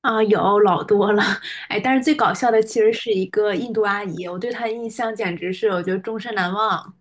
啊，有老多了，哎，但是最搞笑的其实是一个印度阿姨，我对她的印象简直是我觉得终身难忘。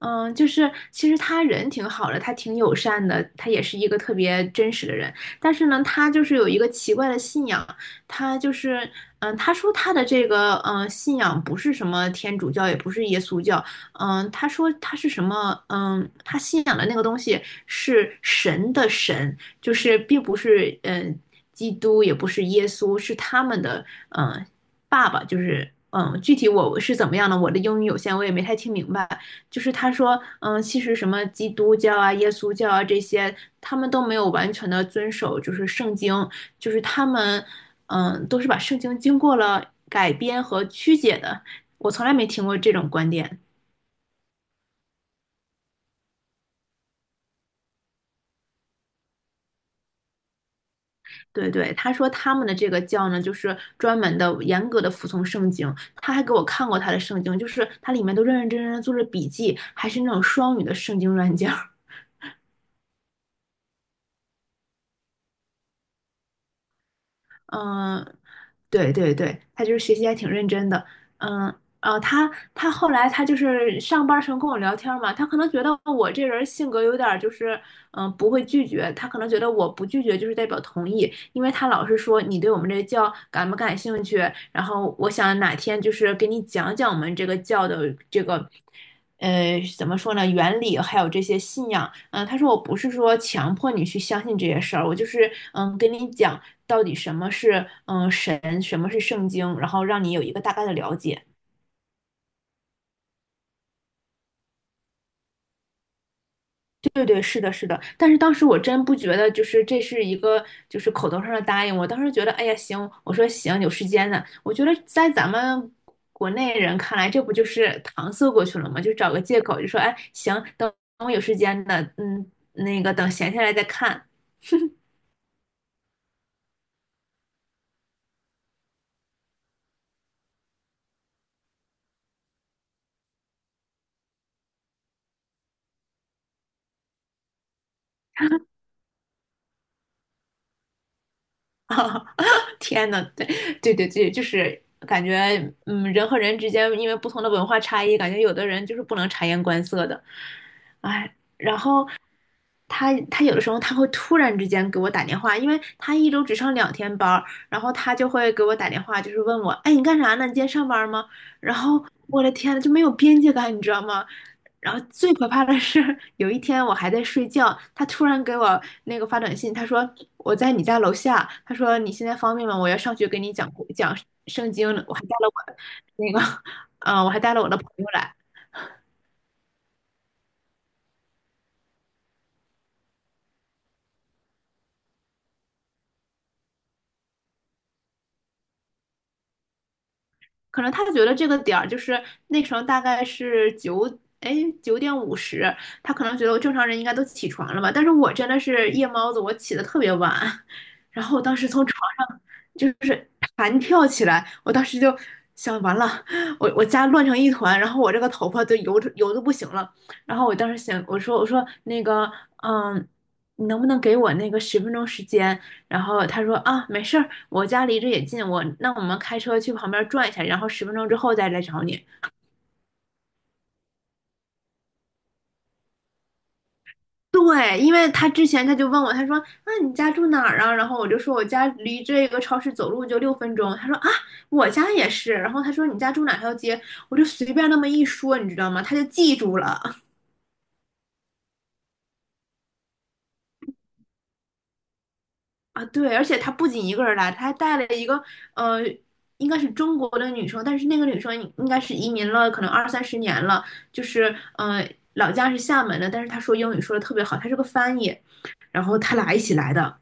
嗯，就是其实他人挺好的，他挺友善的，他也是一个特别真实的人。但是呢，他就是有一个奇怪的信仰，他就是嗯，他说他的这个信仰不是什么天主教，也不是耶稣教，他说他是什么？嗯，他信仰的那个东西是神的神，就是并不是基督，也不是耶稣，是他们的嗯爸爸，就是。嗯，具体我是怎么样呢？我的英语有限，我也没太听明白。就是他说，其实什么基督教啊、耶稣教啊这些，他们都没有完全的遵守，就是圣经，就是他们，都是把圣经经过了改编和曲解的。我从来没听过这种观点。对对，他说他们的这个教呢，就是专门的、严格的服从圣经。他还给我看过他的圣经，就是他里面都认认真真的做着笔记，还是那种双语的圣经软件儿。嗯，对对对，他就是学习还挺认真的，嗯他后来他就是上班儿时候跟我聊天儿嘛，他可能觉得我这人性格有点儿就是不会拒绝，他可能觉得我不拒绝就是代表同意，因为他老是说你对我们这个教感不感兴趣，然后我想哪天就是给你讲讲我们这个教的这个。怎么说呢？原理还有这些信仰，他说我不是说强迫你去相信这些事儿，我就是跟你讲到底什么是神，什么是圣经，然后让你有一个大概的了解。对对对，是的，是的，但是当时我真不觉得，就是这是一个就是口头上的答应。我当时觉得，哎呀，行，我说行，有时间呢。我觉得在咱们国内人看来，这不就是搪塞过去了吗？就找个借口，就说，哎，行，等等我有时间的，那个等闲下来再看。天呐，对对对对，就是感觉，人和人之间因为不同的文化差异，感觉有的人就是不能察言观色的，哎，然后他有的时候他会突然之间给我打电话，因为他一周只上两天班儿，然后他就会给我打电话，就是问我，哎，你干啥呢？你今天上班吗？然后我的天呐，就没有边界感，你知道吗？然后最可怕的是，有一天我还在睡觉，他突然给我那个发短信，他说我在你家楼下，他说你现在方便吗？我要上去给你讲讲圣经呢。那个，我还带了我的朋友来。可能他觉得这个点儿就是那时候大概是哎，9:50，他可能觉得我正常人应该都起床了吧，但是我真的是夜猫子，我起得特别晚，然后我当时从床上就是弹跳起来，我当时就想完了，我家乱成一团，然后我这个头发都油得油的不行了，然后我当时想，我说那个，嗯，你能不能给我那个十分钟时间？然后他说啊，没事儿，我家离这也近，我们开车去旁边转一下，然后十分钟之后再来找你。对，因为他之前他就问我，他说那你家住哪儿啊？然后我就说我家离这个超市走路就6分钟。他说啊，我家也是。然后他说你家住哪条街？我就随便那么一说，你知道吗？他就记住了。啊，对，而且他不仅一个人来，他还带了一个呃，应该是中国的女生，但是那个女生应该是移民了，可能二三十年了，就是老家是厦门的，但是她说英语说的特别好，她是个翻译，然后他俩一起来的，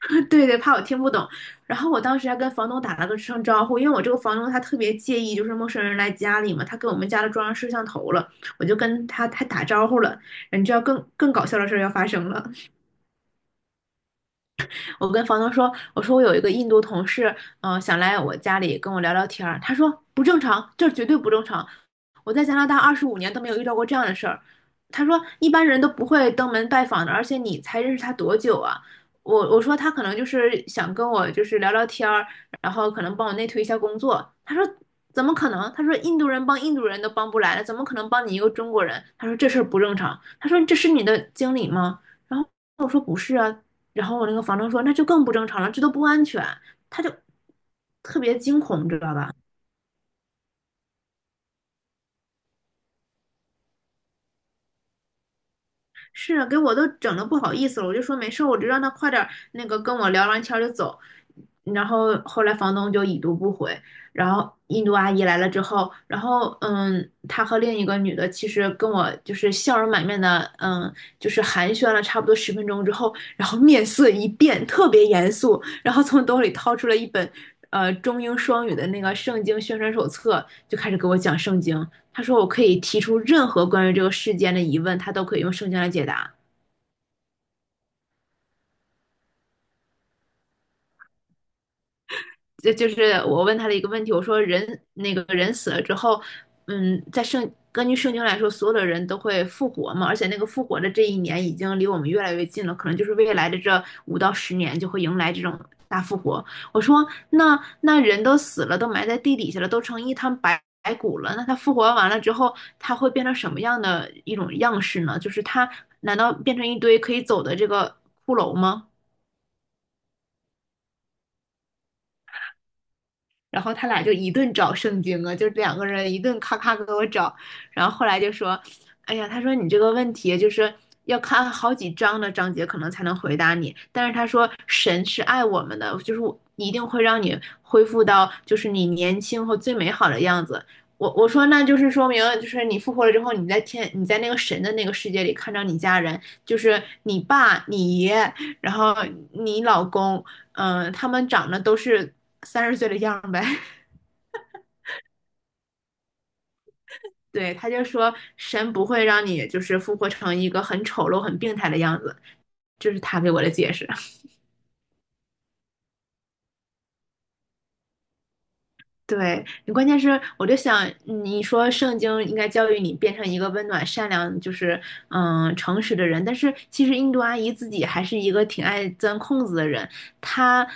对对，怕我听不懂，然后我当时还跟房东打了个声招呼，因为我这个房东他特别介意就是陌生人来家里嘛，他给我们家都装上摄像头了，我就跟他打招呼了，你知道更搞笑的事儿要发生了。我跟房东说，我说我有一个印度同事，想来我家里跟我聊聊天儿。他说不正常，这绝对不正常。我在加拿大25年都没有遇到过这样的事儿。他说一般人都不会登门拜访的，而且你才认识他多久啊？我说他可能就是想跟我就是聊聊天儿，然后可能帮我内推一下工作。他说怎么可能？他说印度人帮印度人都帮不来了，怎么可能帮你一个中国人？他说这事儿不正常。他说这是你的经理吗？然后我说不是啊，然后我那个房东说那就更不正常了，这都不安全，他就特别惊恐，你知道吧？是啊，给我都整的不好意思了，我就说没事儿，我就让他快点儿那个跟我聊完天儿就走。然后后来房东就已读不回，然后印度阿姨来了之后，然后她和另一个女的其实跟我就是笑容满面的，就是寒暄了差不多十分钟之后，然后面色一变，特别严肃，然后从兜里掏出了一本中英双语的那个圣经宣传手册，就开始给我讲圣经。他说我可以提出任何关于这个事件的疑问，他都可以用圣经来解答。就是我问他的一个问题，我说那个人死了之后，根据圣经来说，所有的人都会复活嘛，而且那个复活的这一年已经离我们越来越近了，可能就是未来的这5到10年就会迎来这种大复活。我说那那人都死了，都埋在地底下了，都成一滩白骨了，那他复活完了之后，他会变成什么样的一种样式呢？就是他难道变成一堆可以走的这个骷髅吗？然后他俩就一顿找圣经啊，就两个人一顿咔咔给我找，然后后来就说，哎呀，他说你这个问题就是要看好几章的章节可能才能回答你，但是他说神是爱我们的，就是我一定会让你恢复到就是你年轻和最美好的样子。我说那就是说明就是你复活了之后，你在那个神的那个世界里看到你家人，就是你爸、你爷，然后你老公，他们长得都是30岁的样儿呗。对，他就说神不会让你就是复活成一个很丑陋、很病态的样子，这是他给我的解释。对，你关键是我就想，你说圣经应该教育你变成一个温暖、善良，就是诚实的人，但是其实印度阿姨自己还是一个挺爱钻空子的人。她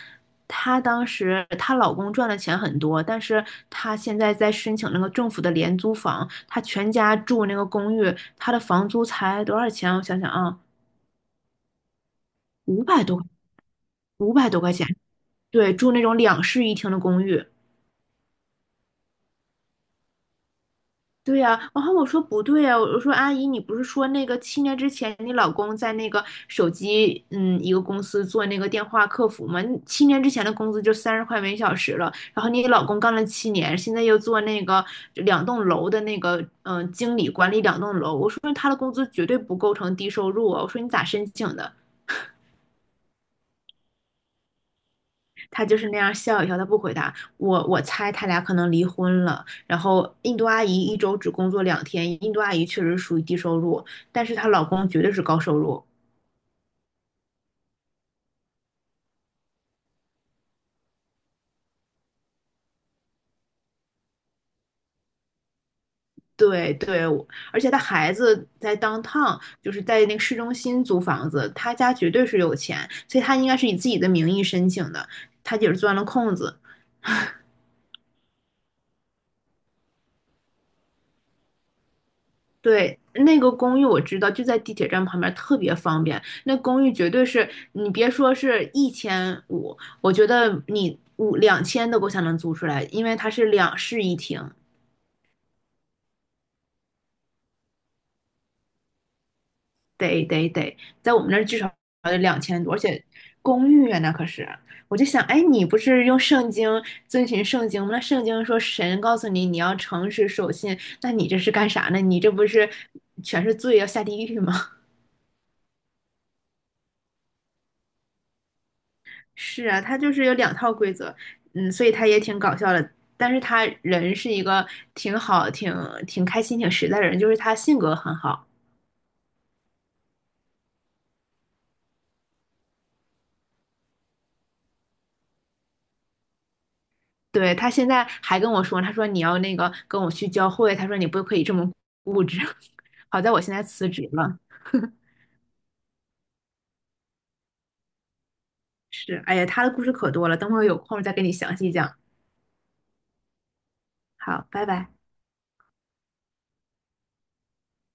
她当时她老公赚的钱很多，但是她现在在申请那个政府的廉租房，她全家住那个公寓，她的房租才多少钱？我想想啊，五百多，500多块钱。对，住那种两室一厅的公寓。对呀、然后我说不对呀、我说阿姨，你不是说那个七年之前你老公在那个手机一个公司做那个电话客服吗？你七年之前的工资就30块每小时了，然后你老公干了七年，现在又做那个两栋楼的那个经理管理两栋楼，我说他的工资绝对不构成低收入啊，我说你咋申请的？他就是那样笑一笑，他不回答我。我猜他俩可能离婚了。然后印度阿姨一周只工作两天，印度阿姨确实属于低收入，但是她老公绝对是高收入。对对，而且她孩子在 downtown，就是在那个市中心租房子，她家绝对是有钱，所以她应该是以自己的名义申请的，她姐是钻了空子。对，那个公寓我知道，就在地铁站旁边，特别方便。那公寓绝对是你别说是1500，我觉得你五两千都够呛能租出来，因为它是两室一厅，得得得，在我们那儿至少得2000多，而且公寓啊，那可是。我就想，哎，你不是用圣经遵循圣经吗？那圣经说神告诉你你要诚实守信，那你这是干啥呢？你这不是全是罪要下地狱吗？是啊，他就是有两套规则，所以他也挺搞笑的。但是他人是一个挺好、挺开心、挺实在的人，就是他性格很好。对，他现在还跟我说，他说你要那个跟我去教会，他说你不可以这么固执。好在我现在辞职了。是，哎呀，他的故事可多了，等会儿有空再给你详细讲。好，拜拜。